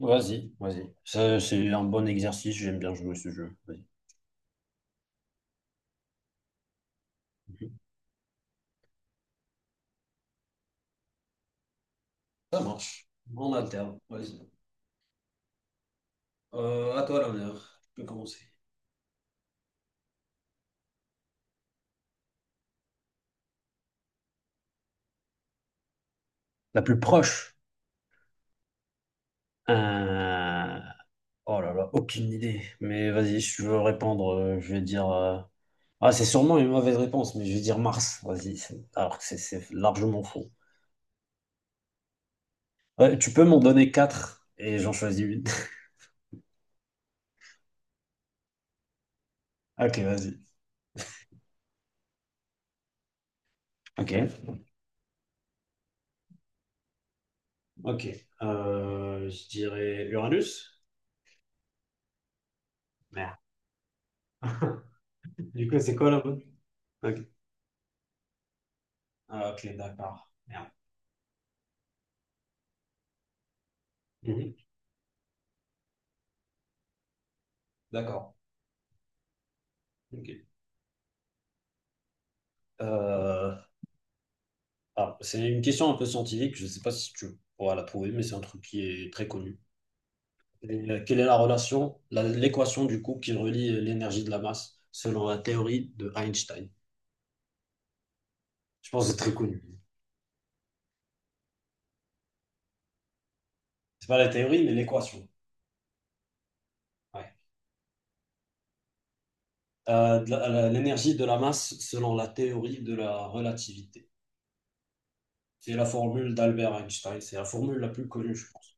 Vas-y, vas-y. Ça, c'est un bon exercice, j'aime bien jouer ce jeu. Vas-y. Mhm. Ça marche. On alterne. Vas-y. À toi l'honneur. Tu peux commencer. La plus proche. Euh, Oh là là, aucune idée. Mais vas-y, si tu veux répondre, je vais dire. Ah, c'est sûrement une mauvaise réponse, mais je vais dire Mars. Vas-y, alors que c'est largement faux. Ouais, tu peux m'en donner quatre et j'en choisis une. Ok, vas-y. Ok. Ok. Je dirais Uranus. Merde. Du coup, c'est quoi là? Ok. Ah, ok, d'accord. Merde. Mhm. D'accord. Ok. Euh, alors, c'est une question un peu scientifique, je ne sais pas si tu pourras la trouver, mais c'est un truc qui est très connu. Et, quelle est la relation, l'équation du coup qui relie l'énergie de la masse selon la théorie de Einstein? Je pense que c'est très connu. C'est pas la théorie, mais l'équation. Ouais. De l'énergie de la masse selon la théorie de la relativité. C'est la formule d'Albert Einstein. C'est la formule la plus connue, je pense.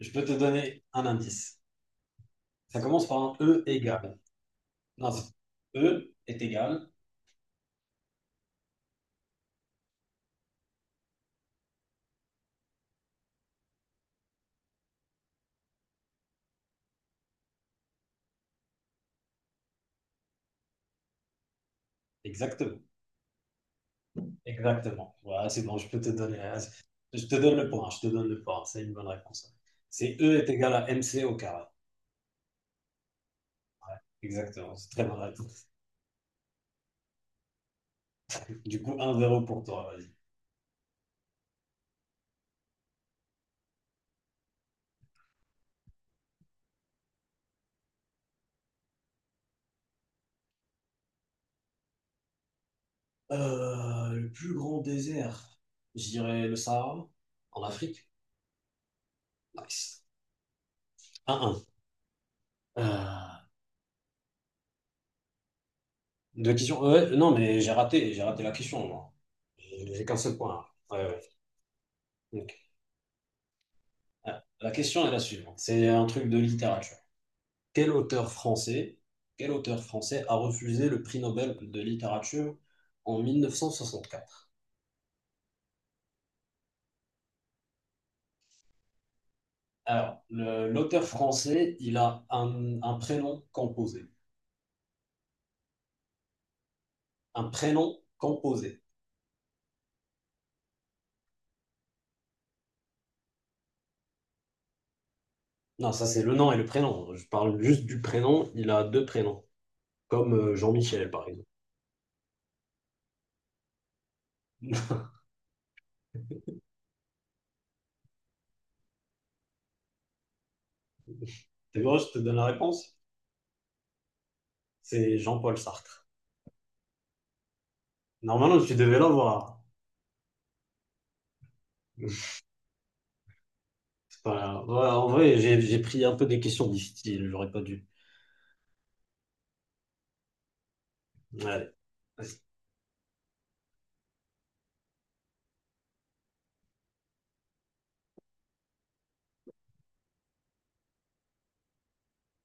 Je peux te donner un indice. Ça commence par un E égal. Non, E est égal. Exactement. Exactement. Voilà, c'est bon, je peux te donner. Je te donne le point. Je te donne le point. C'est une bonne réponse. C'est E est égal à MC au carré. Exactement. C'est très bonne réponse. Du coup, 1-0 pour toi. Vas-y. Le plus grand désert, je dirais le Sahara, en Afrique. Nice. 1-1. Euh, Deux questions. Ouais, non, mais j'ai raté. J'ai raté la question, moi. J'ai qu'un seul point. Ouais, ouais. Ok. Ah, la question est la suivante. C'est un truc de littérature. Quel auteur français, quel auteur français a refusé le prix Nobel de littérature en 1964? Alors, l'auteur français, il a un prénom composé. Un prénom composé. Non, ça c'est le nom et le prénom. Je parle juste du prénom. Il a deux prénoms, comme Jean-Michel, par exemple. Tu vois, je te donne la réponse. C'est Jean-Paul Sartre. Normalement, tu devais l'avoir. C'est Ouais, en vrai, j'ai pris un peu des questions difficiles, j'aurais pas dû. Ouais.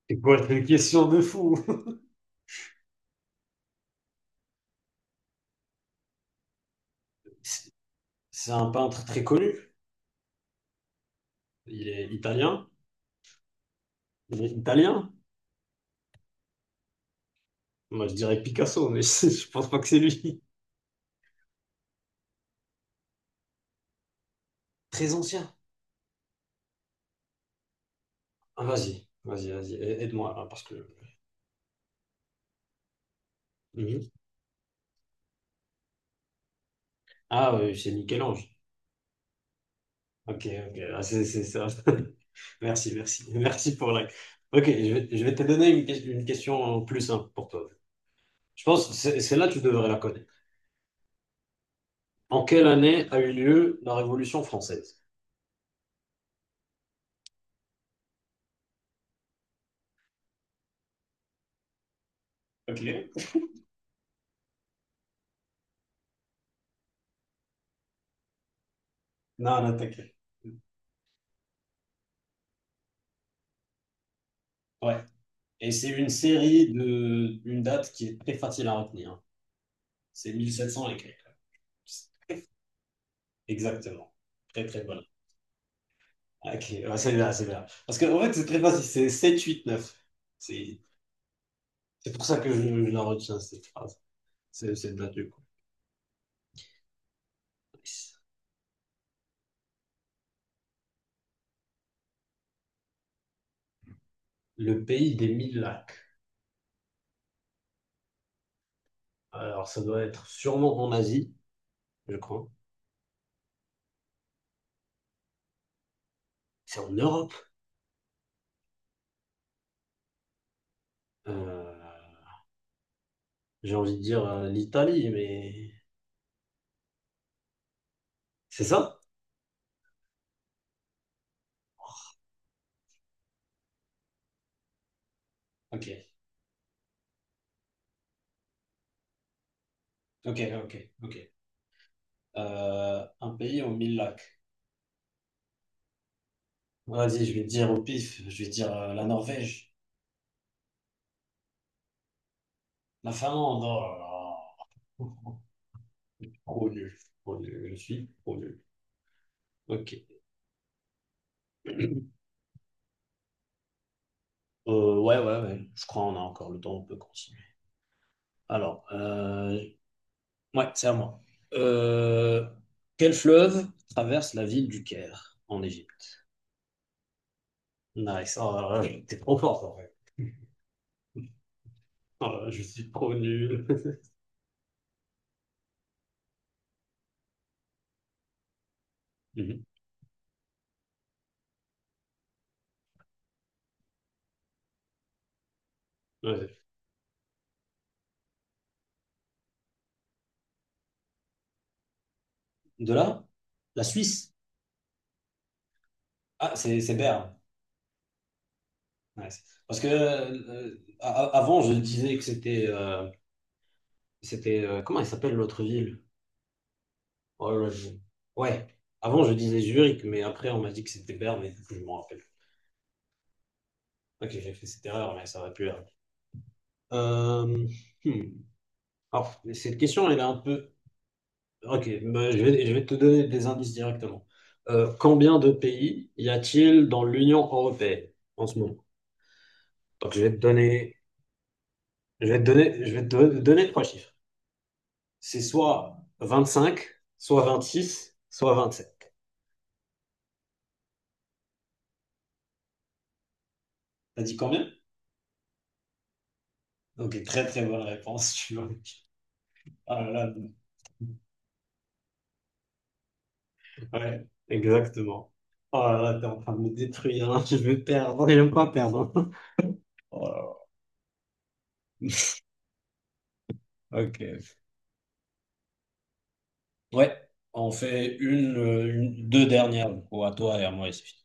C'est quoi, c'est une question de fou? C'est c'est un peintre très connu. Il est italien. Il est italien? Moi, je dirais Picasso, mais je pense pas que c'est lui. Très ancien. Ah, vas-y, vas-y, vas-y, aide-moi, là, parce que... Mhm. Ah, oui, c'est Michel-Ange. Ok, ok, ah, c'est ça. Merci, merci. Merci pour la... Ok, je vais te donner une question plus simple pour toi. Je pense que c'est là que tu devrais la connaître. En quelle année a eu lieu la Révolution française? Ok. Non, non, t'inquiète. Ouais. Et c'est une série de une date qui est très facile à retenir, hein. C'est 1700 et quelques. Exactement. Très, très bonne. Ok, ouais, c'est bien, c'est bien. Parce que, en fait, c'est très facile. C'est 7, 8, 9. C'est c'est pour ça que je la retiens, cette phrase. C'est cette date du coup. Nice. Le pays des mille lacs. Alors, ça doit être sûrement en Asie, je crois. C'est en Europe. Euh, j'ai envie de dire l'Italie, mais c'est ça? Ok, ok, ok, ok. Un pays aux mille lacs. Vas-y, je vais te dire au pif, je vais te dire la Norvège, La Finlande, oh là là. Trop nul. Trop nul, je suis trop nul. Ok. Ouais, ouais, ouais, je crois qu'on a encore le temps, on peut continuer. Alors, ouais, c'est à moi. Euh, Quel fleuve traverse la ville du Caire en Égypte? Nice, oh là là, t'es trop fort en fait. Oh là là, je suis trop nul. Mhm. Ouais. De là, la Suisse. Ah, c'est Berne. Ouais, parce que avant, je disais que c'était c'était comment il s'appelle l'autre ville? Oh là je- Ouais. Avant, je disais Zurich, mais après, on m'a dit que c'était Berne, mais du coup, je m'en rappelle. Ok, j'ai fait cette erreur, mais ça aurait pu être. Euh, hmm. Alors, cette question, elle est un peu. Ok, bah, je vais te donner des indices directement. Combien de pays y a-t-il dans l'Union européenne en ce moment? Donc, je vais te donner trois chiffres. C'est soit 25, soit 26, soit 27. T'as dit combien? Ok, très très bonne réponse, tu vois. Ah là là, ouais, exactement. Oh là là, t'es en train de me détruire, hein. Je vais perdre. J'aime pas perdre. Hein. Oh là là. Ok. Ouais, on fait deux dernières, du coup, à toi et à moi ici.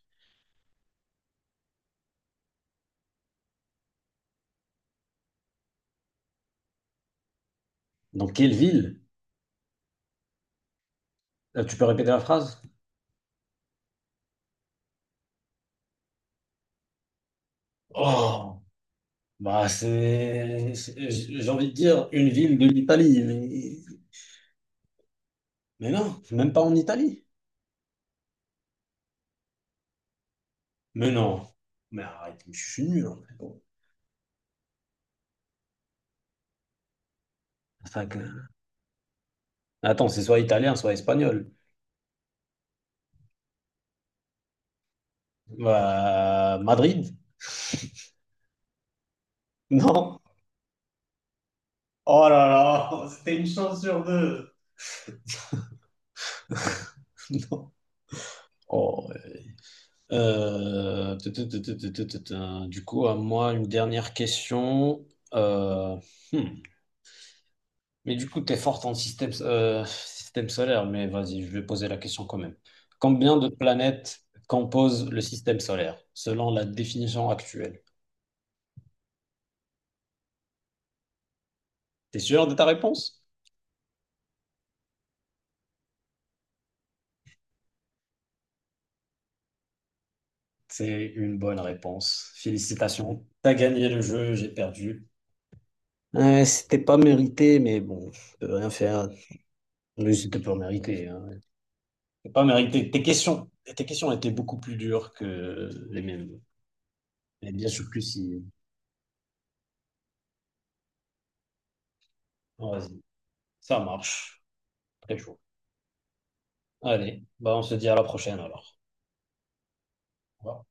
Dans quelle ville? Tu peux répéter la phrase? Oh, bah j'ai envie de dire une ville de l'Italie. Mais non, même pas en Italie. Mais non. Mais arrête, je suis nul, en fait. Bon. Enfin que- Attends, c'est soit italien, soit espagnol. Madrid? Non. Oh là là, c'était une chance sur deux. Non. Oh, ouais. Du coup, à moi, une dernière question. Euh, hmm. Mais du coup, tu es forte en système solaire, mais vas-y, je vais poser la question quand même. Combien de planètes composent le système solaire, selon la définition actuelle? T'es sûr de ta réponse? C'est une bonne réponse. Félicitations. T'as gagné le jeu, j'ai perdu. C'était pas mérité, mais bon, je peux rien faire. Mais c'était pas mérité, hein. C'était pas mérité. Tes questions étaient beaucoup plus dures que les miennes. Et bien sûr que si. Vas-y, ça marche. Très chaud. Allez, bah on se dit à la prochaine alors. Au revoir.